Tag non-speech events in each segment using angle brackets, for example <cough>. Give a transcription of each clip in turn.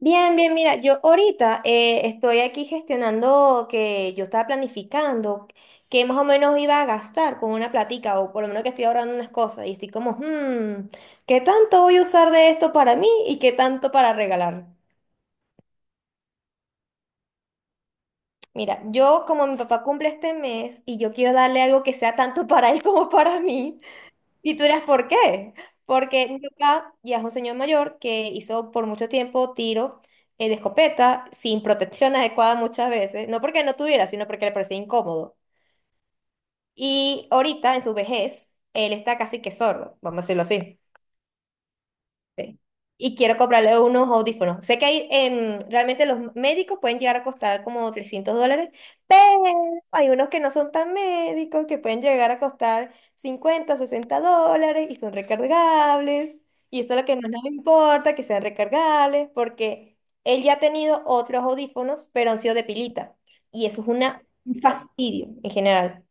Bien, bien, mira, yo ahorita estoy aquí gestionando que yo estaba planificando que más o menos iba a gastar con una platica o por lo menos que estoy ahorrando unas cosas y estoy como, ¿qué tanto voy a usar de esto para mí y qué tanto para regalar? Mira, yo como mi papá cumple este mes y yo quiero darle algo que sea tanto <laughs> para él como para mí. Y tú dirás, ¿por qué? Porque mi papá ya es un señor mayor que hizo por mucho tiempo tiro de escopeta sin protección <laughs> adecuada muchas veces, no porque no tuviera, sino porque le parecía incómodo. Y ahorita, en su vejez, él está casi que sordo, vamos a decirlo así. Sí. Y quiero comprarle unos audífonos. Sé que hay, realmente los médicos pueden llegar a costar como 300 dólares, pero hay unos que no son tan médicos, que pueden llegar a costar 50 60 dólares y son recargables. Y eso es lo que más nos importa, que sean recargables, porque él ya ha tenido otros audífonos, pero han sido de pilita. Y eso es un fastidio en general.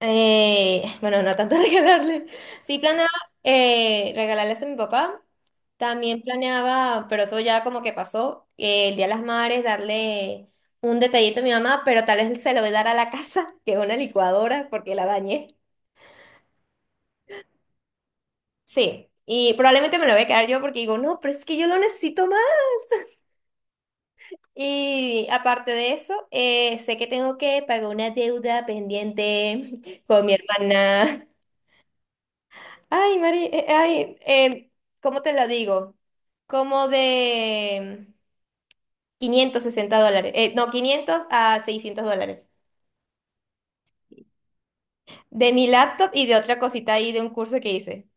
Bueno, no tanto <laughs> regalarle. Sí, planeaba regalarles a mi papá. También planeaba, pero eso ya como que pasó, el Día de las Madres, darle un detallito a mi mamá, pero tal vez se lo voy a dar a la <laughs> casa, que es una licuadora, porque la bañé. Sí, y probablemente me lo voy a quedar yo porque digo, no, pero es que yo lo necesito más. Y aparte de eso, sé que tengo que pagar una deuda pendiente <laughs> con mi hermana. Ay, Mari, ay, ¿cómo te lo digo? Como de 560 dólares, no, 500 a 600 dólares. De mi laptop y de otra cosita ahí de un curso que hice.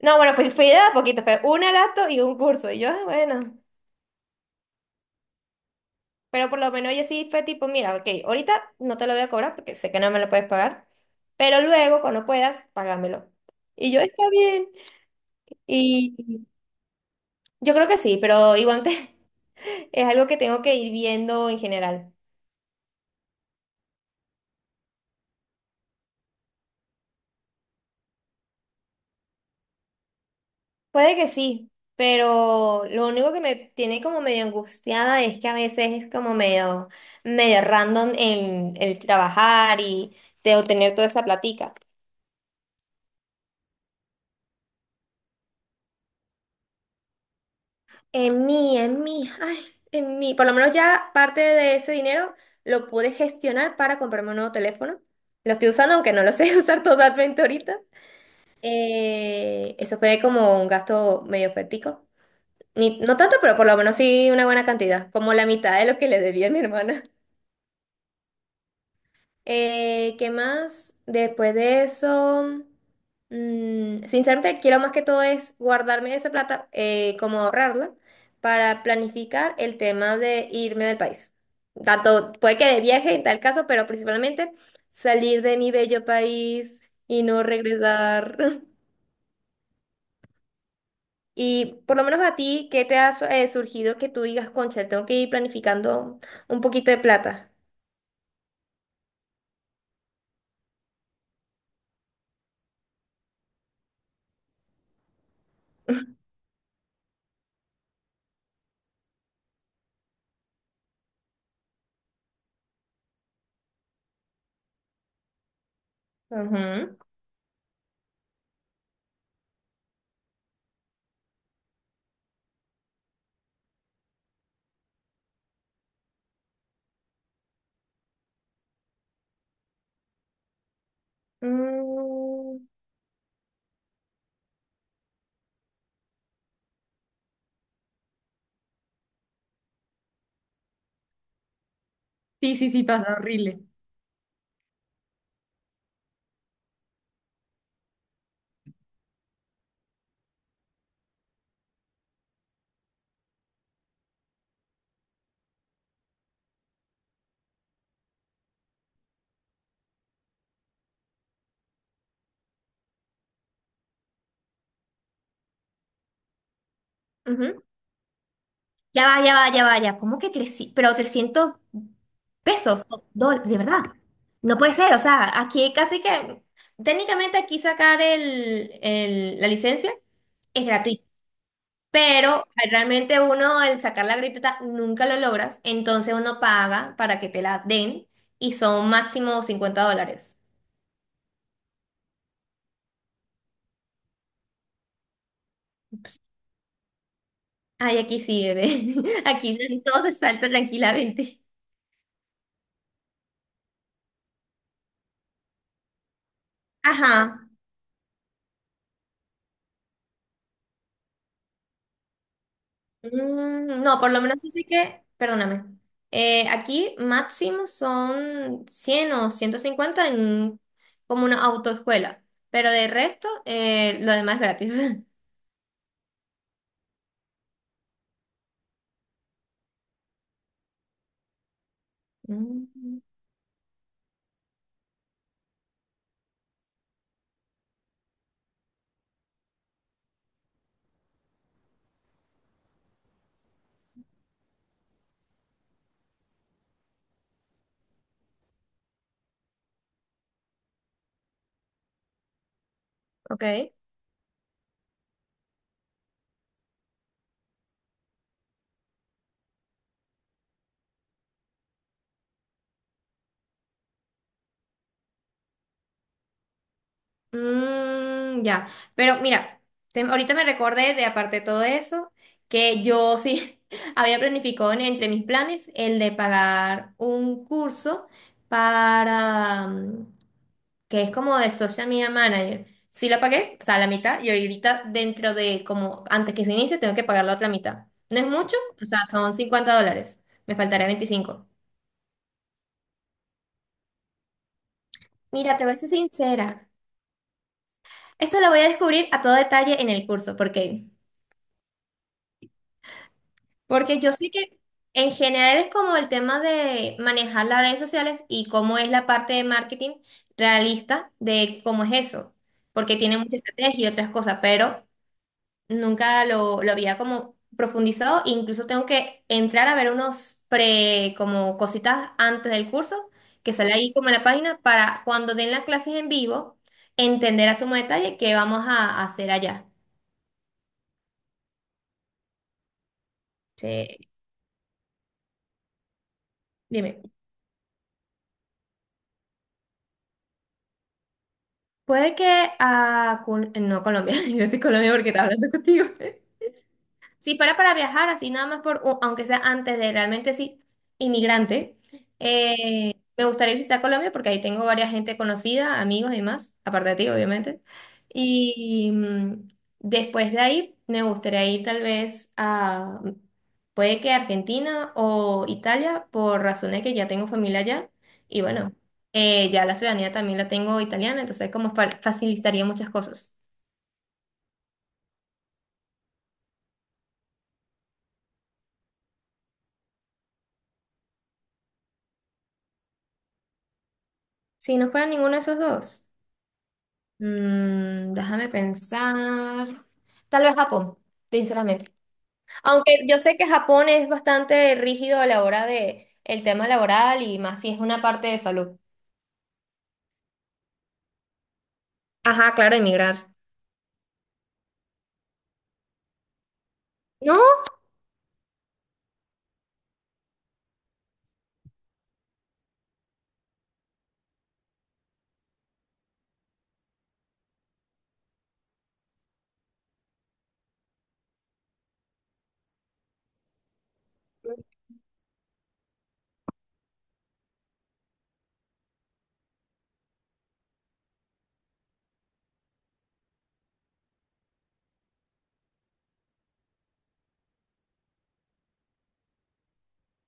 No, bueno, fue de a poquito, fue una laptop y un curso. Y yo, ah, bueno, pero por lo menos yo sí fue tipo, mira, ok, ahorita no te lo voy a cobrar porque sé que no me lo puedes pagar, pero luego cuando puedas, págamelo. Y yo, está bien. Y yo creo que sí, pero igual <laughs> es algo que tengo que ir viendo en general. Puede que sí, pero lo único que me tiene como medio angustiada es que a veces es como medio, medio random en el trabajar y de obtener toda esa platica. En mí, ay, en mí. Por lo menos ya parte de ese dinero lo pude gestionar para comprarme un nuevo teléfono. Lo estoy usando, aunque no lo sé <laughs> usar totalmente ahorita. Eso fue como un gasto medio fuertico. Ni, No tanto, pero por lo menos sí una buena cantidad, como la mitad de lo que le debía a mi hermana. ¿Qué más? Después de eso, sinceramente, quiero más que todo es guardarme esa plata, como ahorrarla, para planificar el tema de irme del país. Tanto puede que de viaje en tal caso, pero principalmente salir de mi bello país y no regresar. <laughs> Y por lo menos a ti, ¿qué te ha surgido que tú digas, concha, tengo que ir planificando un poquito de plata? <laughs> Ujú. Mm, sí, sí, sí, pasa horrible. Ujú. Ya va, ya va, ya va, ya. ¿Cómo que 300? Pero 300 pesos, o dólares, de verdad. No puede ser, o sea, aquí casi que técnicamente aquí sacar la licencia es gratuito, pero realmente uno al sacar la gratuita nunca lo logras, entonces uno paga para que te la den y son máximo 50 dólares. Ay, aquí sí, bebé. <laughs> Aquí entonces salta tranquilamente. Ajá. Mm, no, por lo menos así que, perdóname. Aquí máximo son 100 o 150 en como una autoescuela, pero de resto lo demás es gratis. <laughs> Mm, ok. Ya, pero mira, ahorita me recordé de aparte de todo eso, que yo sí <laughs> había planificado entre mis planes el de pagar un curso para, que es como de Social Media Manager. Sí la pagué, o sea, la mitad, y ahorita dentro de, como antes que se inicie, tengo que pagar la otra mitad. No es mucho, o sea, son 50 dólares, me faltaría 25. Mira, te voy a ser sincera, eso lo voy a descubrir a todo detalle en el curso, porque... Porque yo sé que en general es como el tema de manejar las redes sociales y cómo es la parte de marketing realista de cómo es eso, porque tiene mucha estrategia y otras cosas, pero nunca lo había como profundizado, incluso tengo que entrar a ver unos pre, como cositas antes del curso, que sale ahí como en la página, para cuando den las clases en vivo, entender a sumo detalle qué vamos a hacer allá. Sí, dime. Puede que a... no, Colombia, <laughs> yo soy Colombia porque estaba hablando contigo. Si fuera para viajar así, nada más por, aunque sea antes de realmente sí, inmigrante, me gustaría visitar Colombia porque ahí tengo varias gente conocida, amigos y demás, aparte de ti, obviamente. Y después de ahí, me gustaría ir tal vez a, puede que Argentina o Italia, por razones que ya tengo familia allá. Y bueno, ya la ciudadanía también la tengo italiana, entonces como facilitaría muchas cosas. Si no fuera ninguno de esos dos. Déjame pensar. Tal vez Japón, sinceramente. Aunque yo sé que Japón es bastante rígido a la hora de el tema laboral y más si es una parte de salud. Ajá, claro, emigrar. No,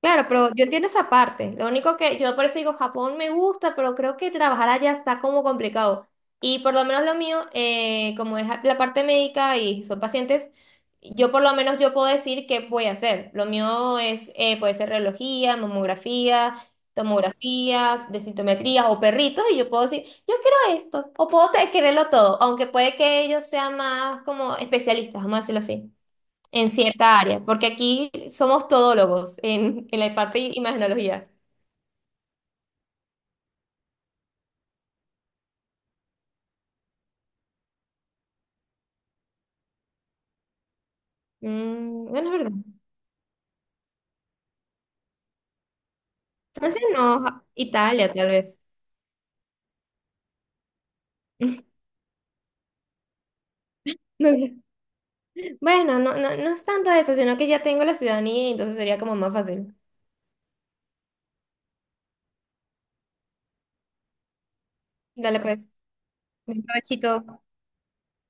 claro, pero yo entiendo esa parte. Lo único que yo por eso digo, Japón me gusta, pero creo que trabajar allá está como complicado. Y por lo menos lo mío, como es la parte médica y son pacientes, yo por lo menos yo puedo decir qué voy a hacer. Lo mío es, puede ser reología, mamografía, tomografías, de sintometría o perritos y yo puedo decir, yo quiero esto o puedo quererlo todo, aunque puede que ellos sean más como especialistas, vamos a decirlo así en cierta área, porque aquí somos todólogos en la parte de imagenología. Bueno, es verdad. Francia no, Italia tal vez. <laughs> No sé. Bueno, no, no, no es tanto eso, sino que ya tengo la ciudadanía y entonces sería como más fácil. Dale pues, un provechito.